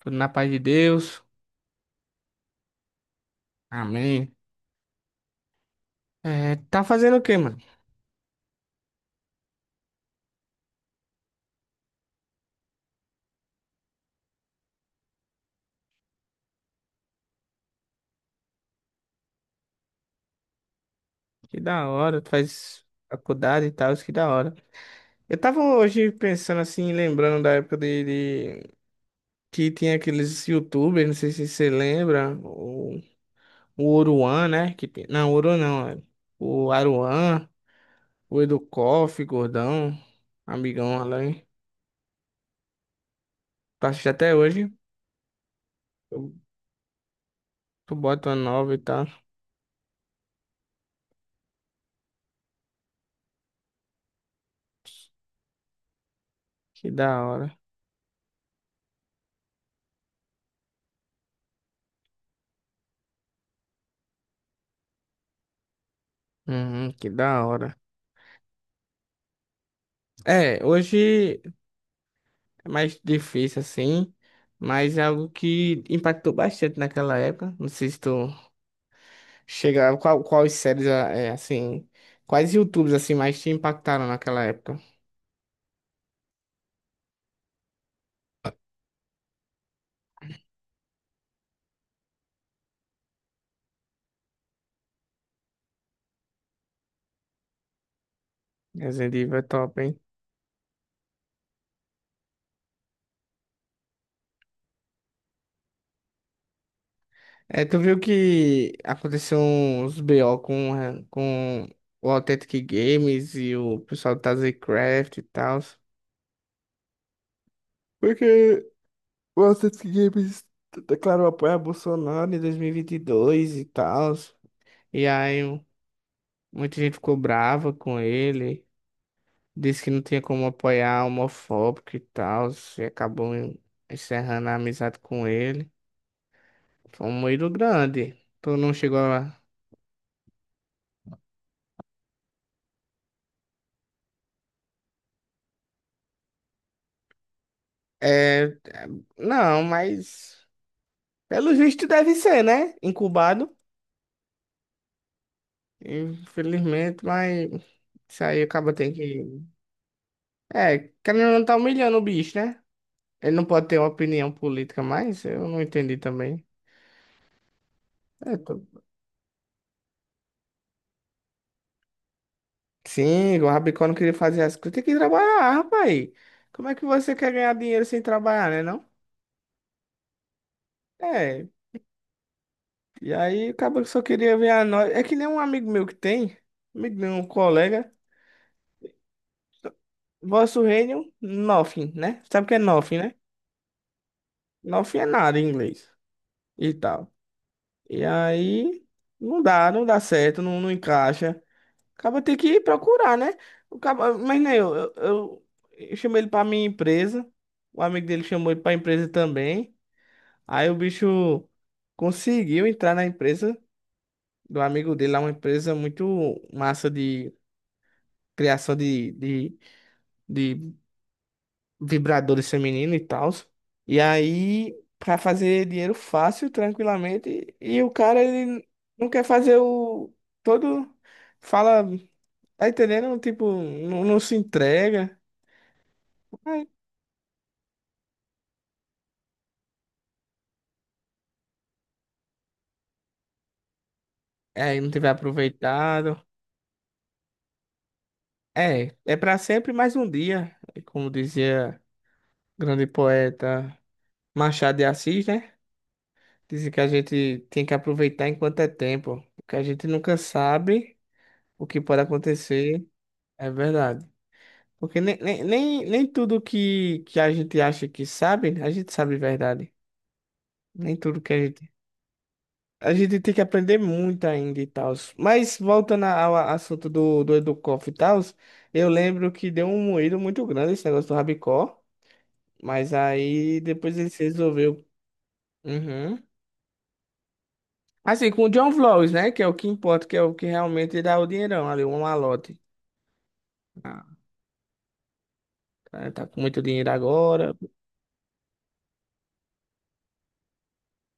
Tudo na paz de Deus. Amém. É, tá fazendo o quê, mano? Que da hora, tu faz faculdade e tal, isso que da hora. Eu tava hoje pensando assim, lembrando da época de- que tinha aqueles YouTubers, não sei se você lembra, o Oruan, né? Não, o Oruan não, é. O Aruan, o Educoff, Gordão, amigão além. Tu assiste até hoje, tu, tu bota uma nova e tal, que da hora. Uhum, que da hora. É, hoje. É mais difícil assim, mas é algo que impactou bastante naquela época. Não sei se tu chega, quais séries é, assim, quais YouTubes assim mais te impactaram naquela época? Resident Evil é top, hein? É, tu viu que aconteceu uns BO com o Authentic Games e o pessoal do TazzyCraft e tal. Porque o Authentic Games declarou apoio a Bolsonaro em 2022 e vinte e dois e tal. E aí, muita gente ficou brava com ele, disse que não tinha como apoiar homofóbico e tal, e acabou encerrando a amizade com ele. Foi um moído grande. Tu não chegou a. É, não, mas pelo visto deve ser, né? Incubado. Infelizmente, mas isso aí acaba tendo que. É, querendo ou não tá humilhando o bicho, né? Ele não pode ter uma opinião política mais, eu não entendi também. é Sim, o Rabicó não queria fazer as coisas. Tem que trabalhar, rapaz. Como é que você quer ganhar dinheiro sem trabalhar, né, não? É, e aí acabou que só queria ver a nós. É que nem um amigo meu que tem, amigo meu, um colega. Vosso reino, nothing, né? Sabe o que é nothing, né? Nothing é nada em inglês e tal. E aí não dá, não dá certo, não, não encaixa. Acaba ter que procurar, né? Mas nem eu chamei ele pra minha empresa. O amigo dele chamou ele pra empresa também. Aí o bicho conseguiu entrar na empresa do amigo dele, lá uma empresa muito massa de criação de vibradores femininos e tal. E aí, pra fazer dinheiro fácil, tranquilamente, e o cara, ele não quer fazer o todo, fala, tá entendendo? Tipo, não, não se entrega. Aí aí não tiver aproveitado. É, é pra sempre mais um dia, como dizia grande poeta Machado de Assis, né? Dizem que a gente tem que aproveitar enquanto é tempo, porque a gente nunca sabe o que pode acontecer, é verdade. Porque nem tudo que a gente acha que sabe, a gente sabe verdade. Nem tudo que a gente. A gente tem que aprender muito ainda e tal. Mas voltando ao assunto do Educoff e tal, eu lembro que deu um moído muito grande esse negócio do Rabicó, mas aí depois ele se resolveu. Uhum. Assim, com o John Vlogs, né? Que é o que importa, que é o que realmente dá o dinheirão ali, um malote. Ah, o cara tá com muito dinheiro agora.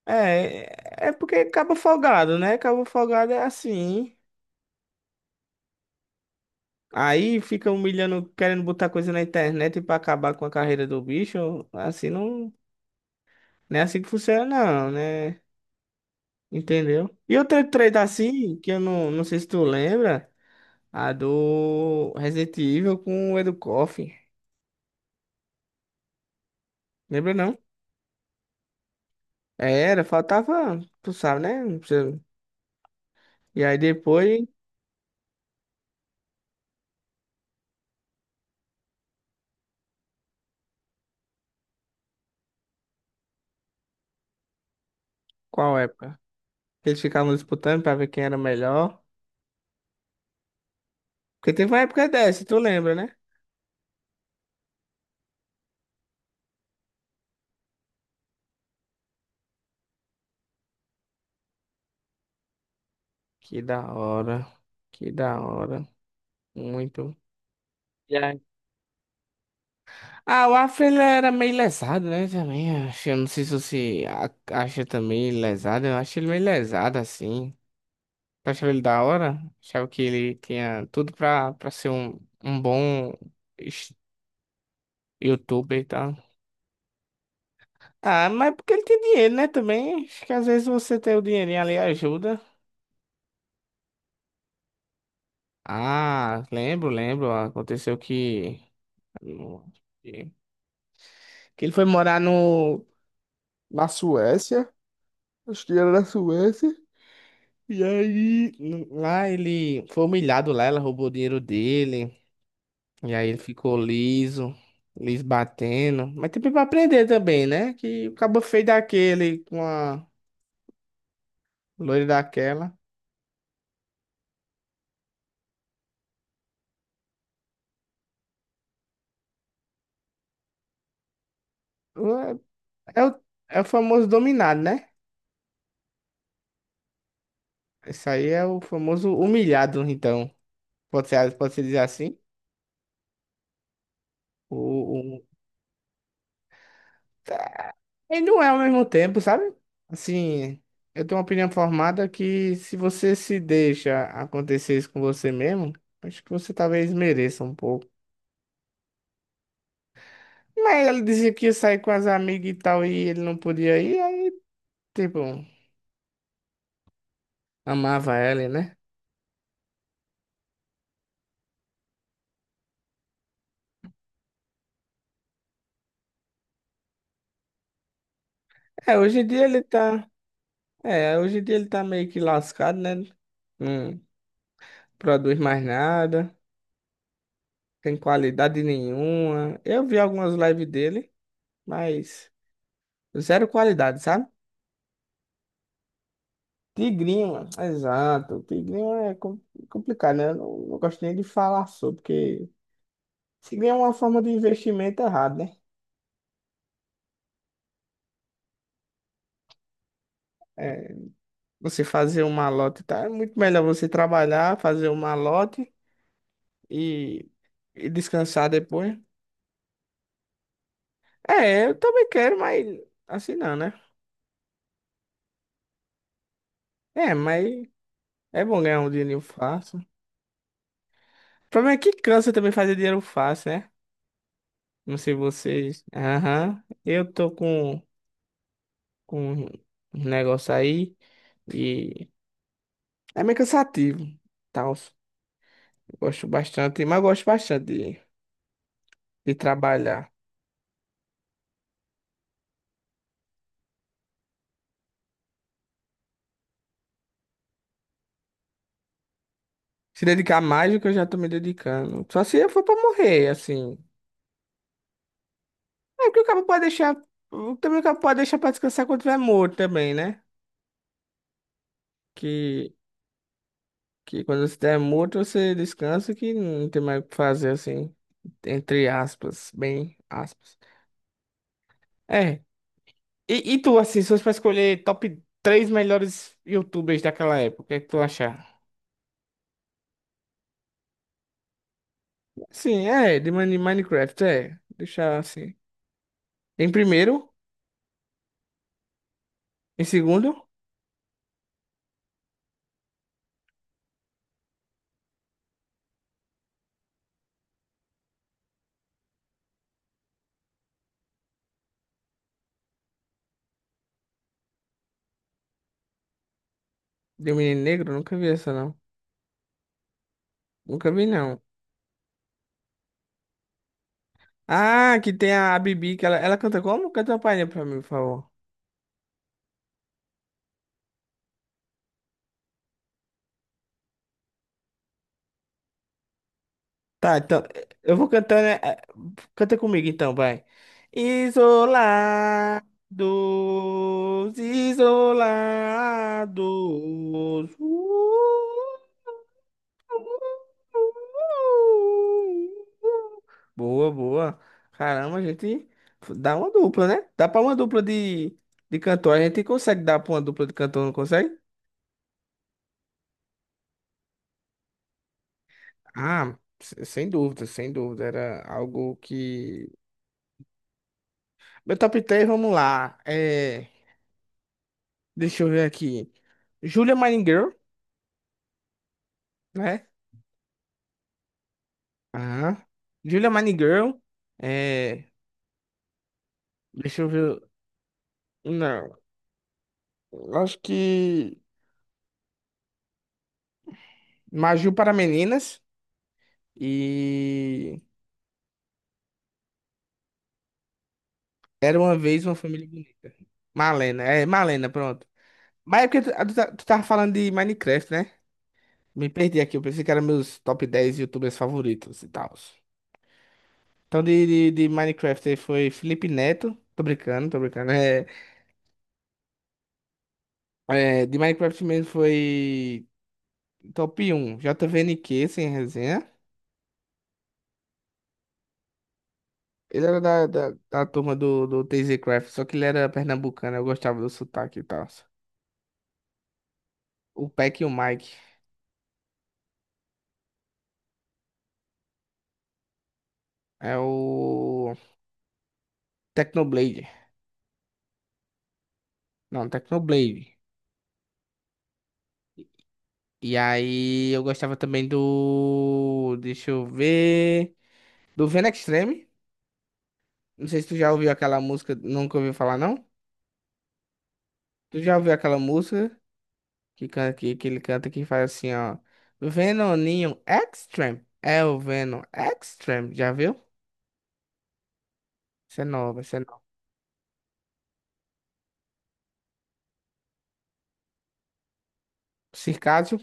É, é porque acaba folgado, né? Acaba folgado é assim. Aí fica humilhando, querendo botar coisa na internet pra acabar com a carreira do bicho. Assim não, não é assim que funciona, não, né? Entendeu? E outra treta assim, que eu não sei se tu lembra, a do Resident Evil com o Edu Koff. Lembra não? Era, faltava, tu sabe, né? Não precisa- E aí depois, qual época? Eles ficavam disputando pra ver quem era melhor. Porque teve uma época dessa, tu lembra, né? Que da hora, que da hora, muito. E aí- Ah, o Afro ele era meio lesado, né? Também, acho, eu não sei se você acha também lesado, eu acho ele meio lesado, assim. Tu achava ele da hora? Achava que ele tinha tudo pra ser um bom es- youtuber e tal. Ah, mas porque ele tem dinheiro, né? Também. Acho que às vezes você ter o dinheirinho ali ajuda. Ah, lembro, lembro. Aconteceu que. Que ele foi morar no. Na Suécia. Acho que era na Suécia. E aí. Lá ele foi humilhado lá, ela roubou o dinheiro dele. E aí ele ficou liso, liso batendo. Mas tem pra aprender também, né? Que o cabo feio daquele com a loira daquela. É, é o, é o famoso dominado, né? Isso aí é o famoso humilhado, então. Pode ser dizer assim. O, o... tá, ele não é ao mesmo tempo, sabe? Assim, eu tenho uma opinião formada que se você se deixa acontecer isso com você mesmo, acho que você talvez mereça um pouco. Mas ele dizia que ia sair com as amigas e tal, e ele não podia ir, aí, tipo, amava ela, né? É, hoje em dia ele tá. É, hoje em dia ele tá meio que lascado, né? Não produz mais nada. Tem qualidade nenhuma. Eu vi algumas lives dele, mas zero qualidade, sabe? Tigrinho, mano. Exato. Tigrinho é complicado, né? Eu não gosto nem de falar sobre, porque Tigrinho é uma forma de investimento errado, né? É, você fazer um malote, tá? É muito melhor você trabalhar, fazer um malote e, e descansar depois. É, eu também quero, mas assim não, né? É, mas é bom ganhar um dinheiro fácil. O problema é que cansa também fazer dinheiro fácil, né? Não sei vocês. Aham. Eu tô com um negócio aí e é meio cansativo. Tal. Gosto bastante, mas gosto bastante de, de trabalhar. Se dedicar mais do que eu já tô me dedicando. Só se eu for pra morrer, assim. É porque o cara pode deixar. Também o cara pode deixar pra descansar quando tiver morto também, né? Que, que quando você estiver morto, você descansa que não tem mais o que fazer, assim. Entre aspas, bem aspas. É. E tu, assim, se fosse pra escolher top 3 melhores YouTubers daquela época, o que é que tu achar? Sim, é, de Minecraft, é. Deixar assim. Em primeiro, em segundo, de um menino negro, nunca vi essa não. Nunca vi não. Ah, que tem a Bibi, que ela canta como? Canta uma palhinha pra mim, por favor. Tá, então, eu vou cantando, canta comigo então, vai. Isolados, isolados. Boa, boa. Caramba, a gente dá uma dupla, né? Dá pra uma dupla de cantor. A gente consegue dar pra uma dupla de cantor, não consegue? Ah, sem dúvida, sem dúvida. Era algo que. Meu top 3, vamos lá. É, deixa eu ver aqui. Julia Mining Girl, né? Ah, Julia Mining Girl. É, deixa eu ver. Não, eu acho que. Maju para meninas. E era uma vez uma família bonita. Malena, é, Malena, pronto. Mas é porque tu tava falando de Minecraft, né? Me perdi aqui, eu pensei que eram meus top 10 YouTubers favoritos e tal. Então, de Minecraft aí foi Felipe Neto. Tô brincando, tô brincando. É, de Minecraft mesmo foi top 1, JVNQ, sem resenha. Ele era da turma do TZ Craft, só que ele era pernambucano, eu gostava do sotaque e tal. O Peck e o Mike. É o. Technoblade. Não, Technoblade. E aí eu gostava também do. Deixa eu ver. Do Venom Extreme. Não sei se tu já ouviu aquela música. Nunca ouviu falar, não? Tu já ouviu aquela música que ele canta que faz assim, ó. Venoninho Extreme. É o Venom Extreme. Já viu? Isso é nova, isso é nova. Circásio.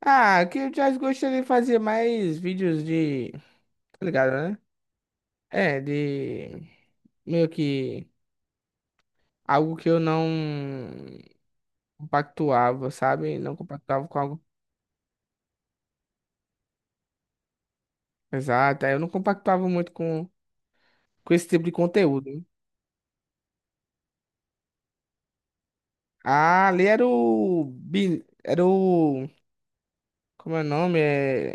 Ah, que o Jazz gostaria de fazer mais vídeos de. Tá ligado, né? É, de. Meio que. Algo que eu não compactuava, sabe? Não compactuava com algo. Exato, aí eu não compactuava muito com esse tipo de conteúdo, né? Ah, ali era o. Era o. Como é o nome? É...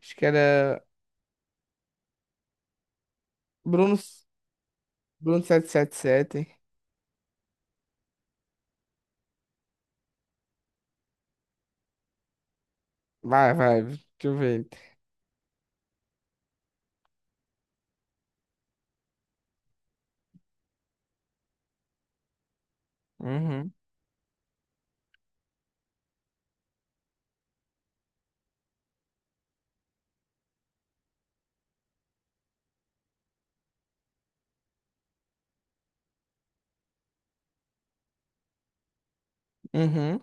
Acho que era. Bruno. Bruno777. Vai, vai, deixa eu ver. Uhum, uhum.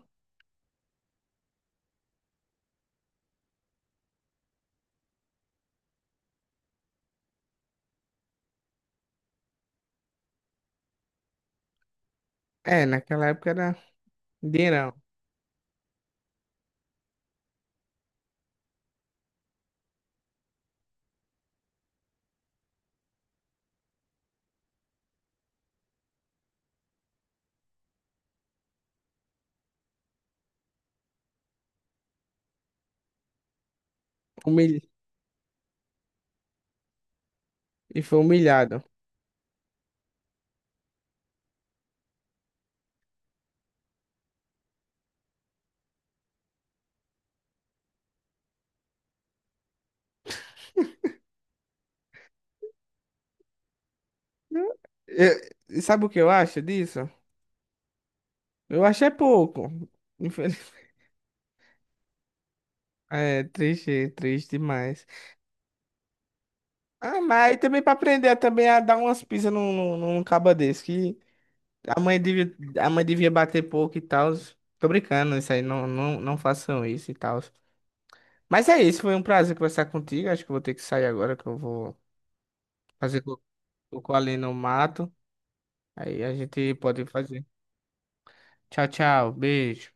É, naquela época era dinheirão. Humil... E foi humilhado. Eu- e sabe o que eu acho disso? Eu acho é pouco. É triste, triste demais. Ah, mas aí também pra aprender também a dar umas pisas num caba desse, que a mãe devia, a mãe devia bater pouco e tal. Tô brincando, isso aí, não, não, não façam isso e tal. Mas é isso, foi um prazer conversar contigo. Acho que eu vou ter que sair agora, que eu vou fazer cocô cocô ali no mato. Aí a gente pode fazer. Tchau, tchau, beijo.